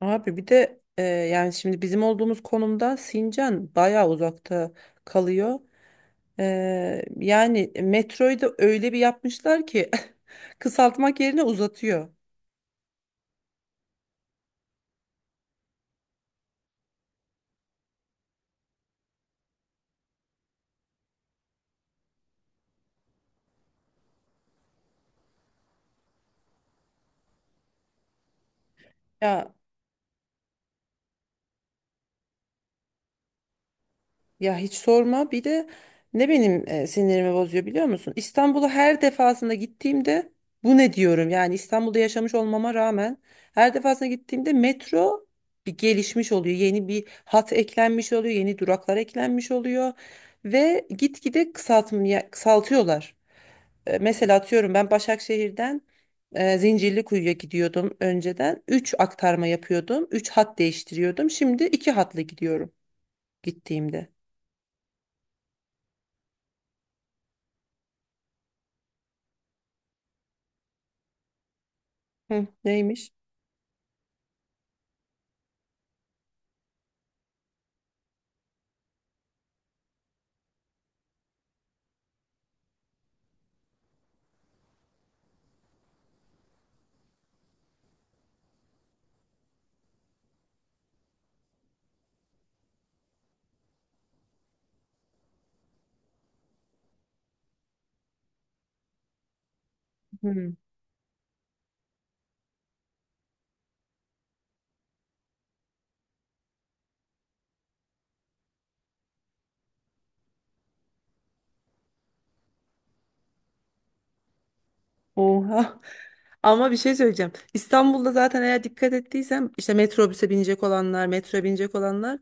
Abi bir de yani şimdi bizim olduğumuz konumda Sincan bayağı uzakta kalıyor. E, Yani metroyu da öyle bir yapmışlar ki kısaltmak yerine uzatıyor. Ya Ya hiç sorma. Bir de ne benim sinirimi bozuyor biliyor musun? İstanbul'a her defasında gittiğimde bu ne diyorum? Yani İstanbul'da yaşamış olmama rağmen her defasında gittiğimde metro bir gelişmiş oluyor. Yeni bir hat eklenmiş oluyor, yeni duraklar eklenmiş oluyor ve gitgide kısaltmaya kısaltıyorlar. Mesela atıyorum ben Başakşehir'den Zincirlikuyu'ya gidiyordum önceden. Üç aktarma yapıyordum. Üç hat değiştiriyordum. Şimdi 2 hatla gidiyorum gittiğimde. Hı, neymiş? Hı. Oha. Ama bir şey söyleyeceğim. İstanbul'da zaten eğer dikkat ettiysem işte metrobüse binecek olanlar, metroya binecek olanlar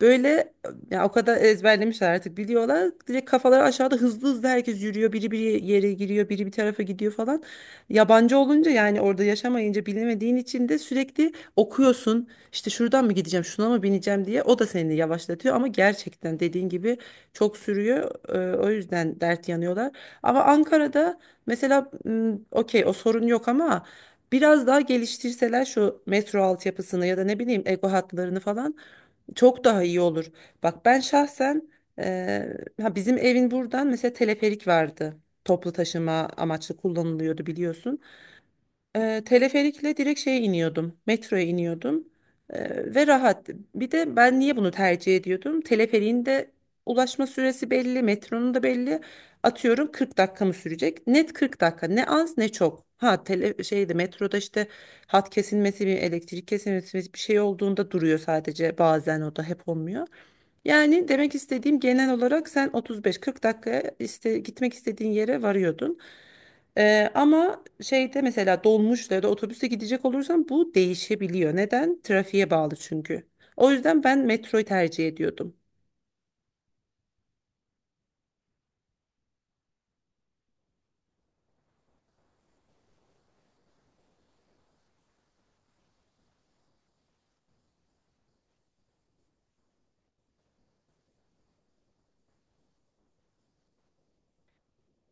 böyle ya o kadar ezberlemişler artık biliyorlar. Direkt kafaları aşağıda hızlı hızlı herkes yürüyor. Biri bir yere giriyor, biri bir tarafa gidiyor falan. Yabancı olunca yani orada yaşamayınca bilemediğin için de sürekli okuyorsun. İşte şuradan mı gideceğim, şuna mı bineceğim diye o da seni yavaşlatıyor ama gerçekten dediğin gibi çok sürüyor. O yüzden dert yanıyorlar. Ama Ankara'da mesela okey o sorun yok ama biraz daha geliştirseler şu metro altyapısını ya da ne bileyim Ego hatlarını falan çok daha iyi olur. Bak ben şahsen e, ha bizim evin buradan mesela teleferik vardı. Toplu taşıma amaçlı kullanılıyordu biliyorsun. Teleferikle direkt şeye iniyordum. Metroya iniyordum. Ve rahat. Bir de ben niye bunu tercih ediyordum? Teleferiğin de ulaşma süresi belli, metronun da belli. Atıyorum 40 dakika mı sürecek? Net 40 dakika. Ne az ne çok. Ha tele şeyde metroda işte hat kesilmesi, bir elektrik kesilmesi bir şey olduğunda duruyor sadece bazen o da hep olmuyor. Yani demek istediğim genel olarak sen 35-40 dakikaya işte gitmek istediğin yere varıyordun. Ama şeyde mesela dolmuşla ya da otobüste gidecek olursam bu değişebiliyor. Neden? Trafiğe bağlı çünkü. O yüzden ben metroyu tercih ediyordum.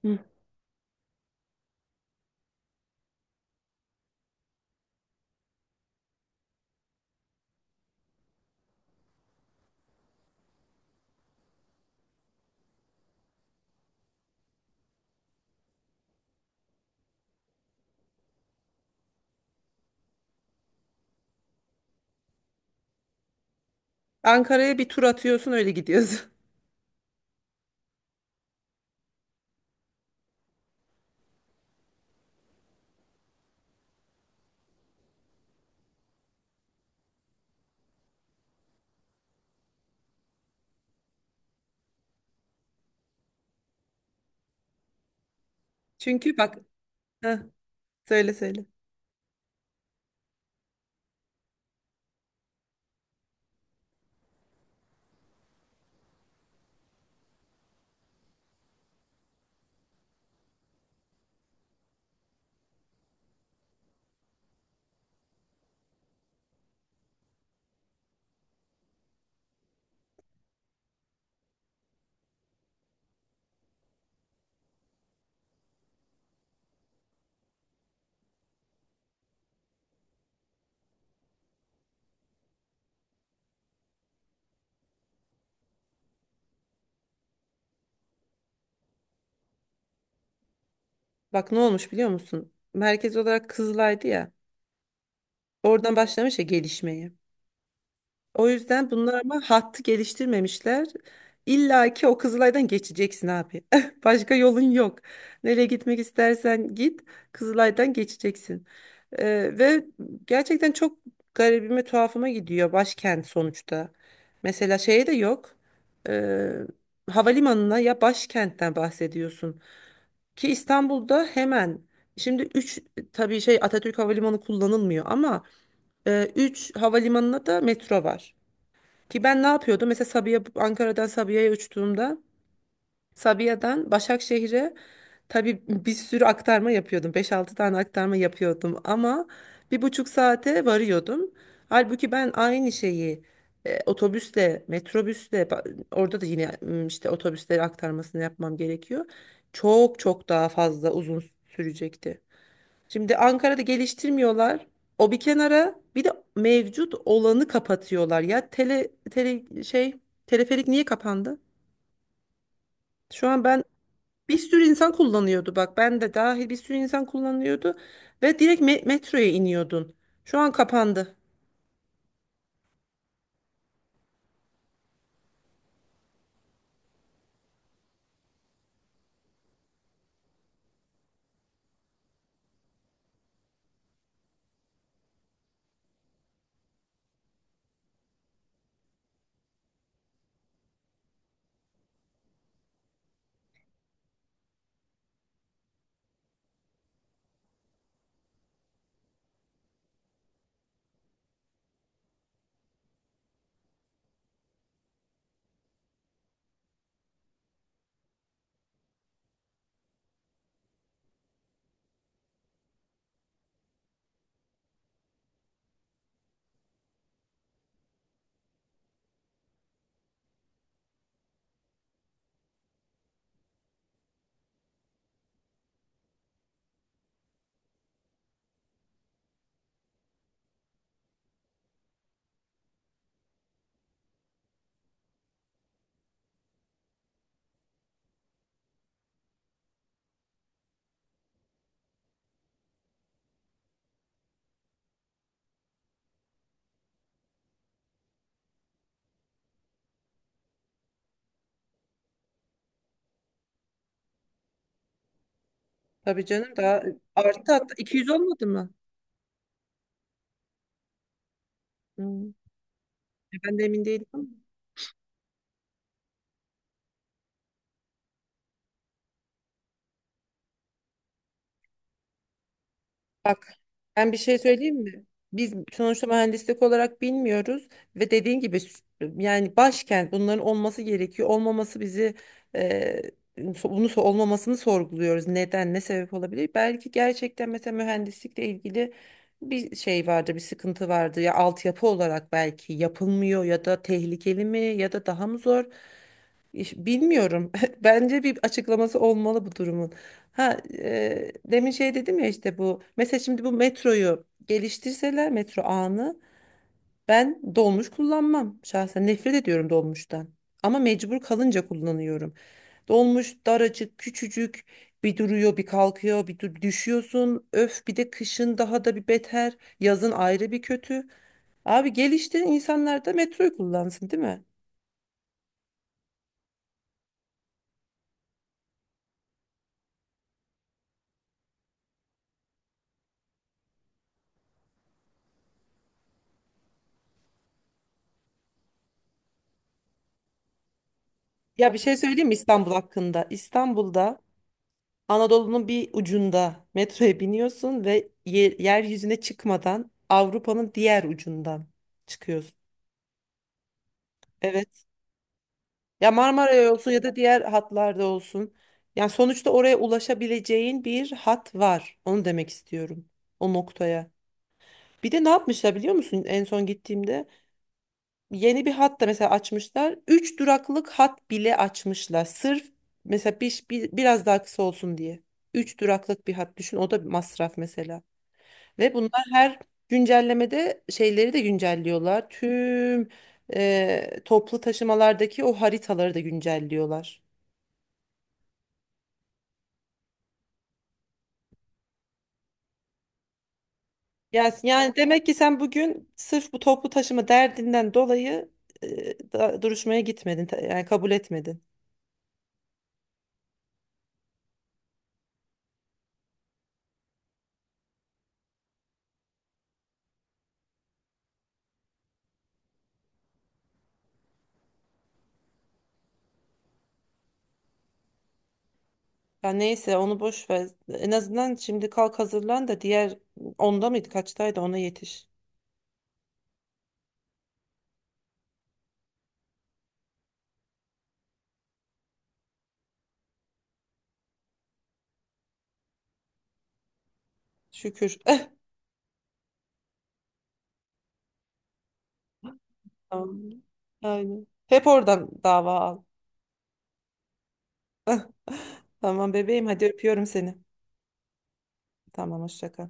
Hı. Ankara'ya bir tur atıyorsun öyle gidiyorsun. Çünkü bak, heh, söyle söyle. Bak ne olmuş biliyor musun? Merkez olarak Kızılay'dı ya. Oradan başlamış ya gelişmeye. O yüzden bunlar ama hattı geliştirmemişler. İlla ki o Kızılay'dan geçeceksin abi. Başka yolun yok. Nereye gitmek istersen git, Kızılay'dan geçeceksin. Ve gerçekten çok garibime, tuhafıma gidiyor başkent sonuçta. Mesela şeye de yok. Ee, Havalimanına ya başkentten bahsediyorsun. Ki İstanbul'da hemen şimdi üç, tabii şey Atatürk Havalimanı kullanılmıyor ama 3 havalimanına da metro var. Ki ben ne yapıyordum? Mesela Sabiha, Ankara'dan Sabiha'ya uçtuğumda Sabiha'dan Başakşehir'e tabii bir sürü aktarma yapıyordum. Beş altı tane aktarma yapıyordum ama bir buçuk saate varıyordum. Halbuki ben aynı şeyi otobüsle, metrobüsle orada da yine işte otobüsleri aktarmasını yapmam gerekiyor. Çok çok daha fazla uzun sürecekti. Şimdi Ankara'da geliştirmiyorlar. O bir kenara bir de mevcut olanı kapatıyorlar. Ya teleferik niye kapandı? Şu an ben, bir sürü insan kullanıyordu ve direkt metroya iniyordun. Şu an kapandı. Tabii canım daha arttı hatta 200 olmadı mı? Hmm. Ben de emin değilim. Bak, ben bir şey söyleyeyim mi? Biz sonuçta mühendislik olarak bilmiyoruz ve dediğin gibi yani başkent bunların olması gerekiyor. Olmaması bizi e, bunu olmamasını sorguluyoruz. Neden, ne sebep olabilir? Belki gerçekten mesela mühendislikle ilgili bir şey vardı, bir sıkıntı vardı ya altyapı olarak belki yapılmıyor ya da tehlikeli mi ya da daha mı zor? Bilmiyorum. Bence bir açıklaması olmalı bu durumun. Demin şey dedim ya işte bu. Mesela şimdi bu metroyu geliştirseler metro ağını ben dolmuş kullanmam. Şahsen nefret ediyorum dolmuştan. Ama mecbur kalınca kullanıyorum. Dolmuş daracık, küçücük, bir duruyor, bir kalkıyor, düşüyorsun. Öf, bir de kışın daha da bir beter, yazın ayrı bir kötü. Abi geliştirin insanlar da metroyu kullansın, değil mi? Ya bir şey söyleyeyim mi İstanbul hakkında? İstanbul'da Anadolu'nun bir ucunda metroya biniyorsun ve yeryüzüne çıkmadan Avrupa'nın diğer ucundan çıkıyorsun. Evet. Ya Marmara'ya olsun ya da diğer hatlarda olsun. Yani sonuçta oraya ulaşabileceğin bir hat var. Onu demek istiyorum. O noktaya. Bir de ne yapmışlar biliyor musun? En son gittiğimde yeni bir hat da mesela açmışlar. Üç duraklık hat bile açmışlar. Sırf mesela biraz daha kısa olsun diye. Üç duraklık bir hat düşün. O da bir masraf mesela. Ve bunlar her güncellemede şeyleri de güncelliyorlar. Tüm toplu taşımalardaki o haritaları da güncelliyorlar. Yani demek ki sen bugün sırf bu toplu taşıma derdinden dolayı duruşmaya gitmedin. Yani kabul etmedin. Ya neyse onu boş ver. En azından şimdi kalk hazırlan da diğer, onda mıydı kaçtaydı, ona yetiş. Şükür. Tamam. Aynen. Hep oradan dava al. Tamam bebeğim hadi öpüyorum seni. Tamam hoşça kal.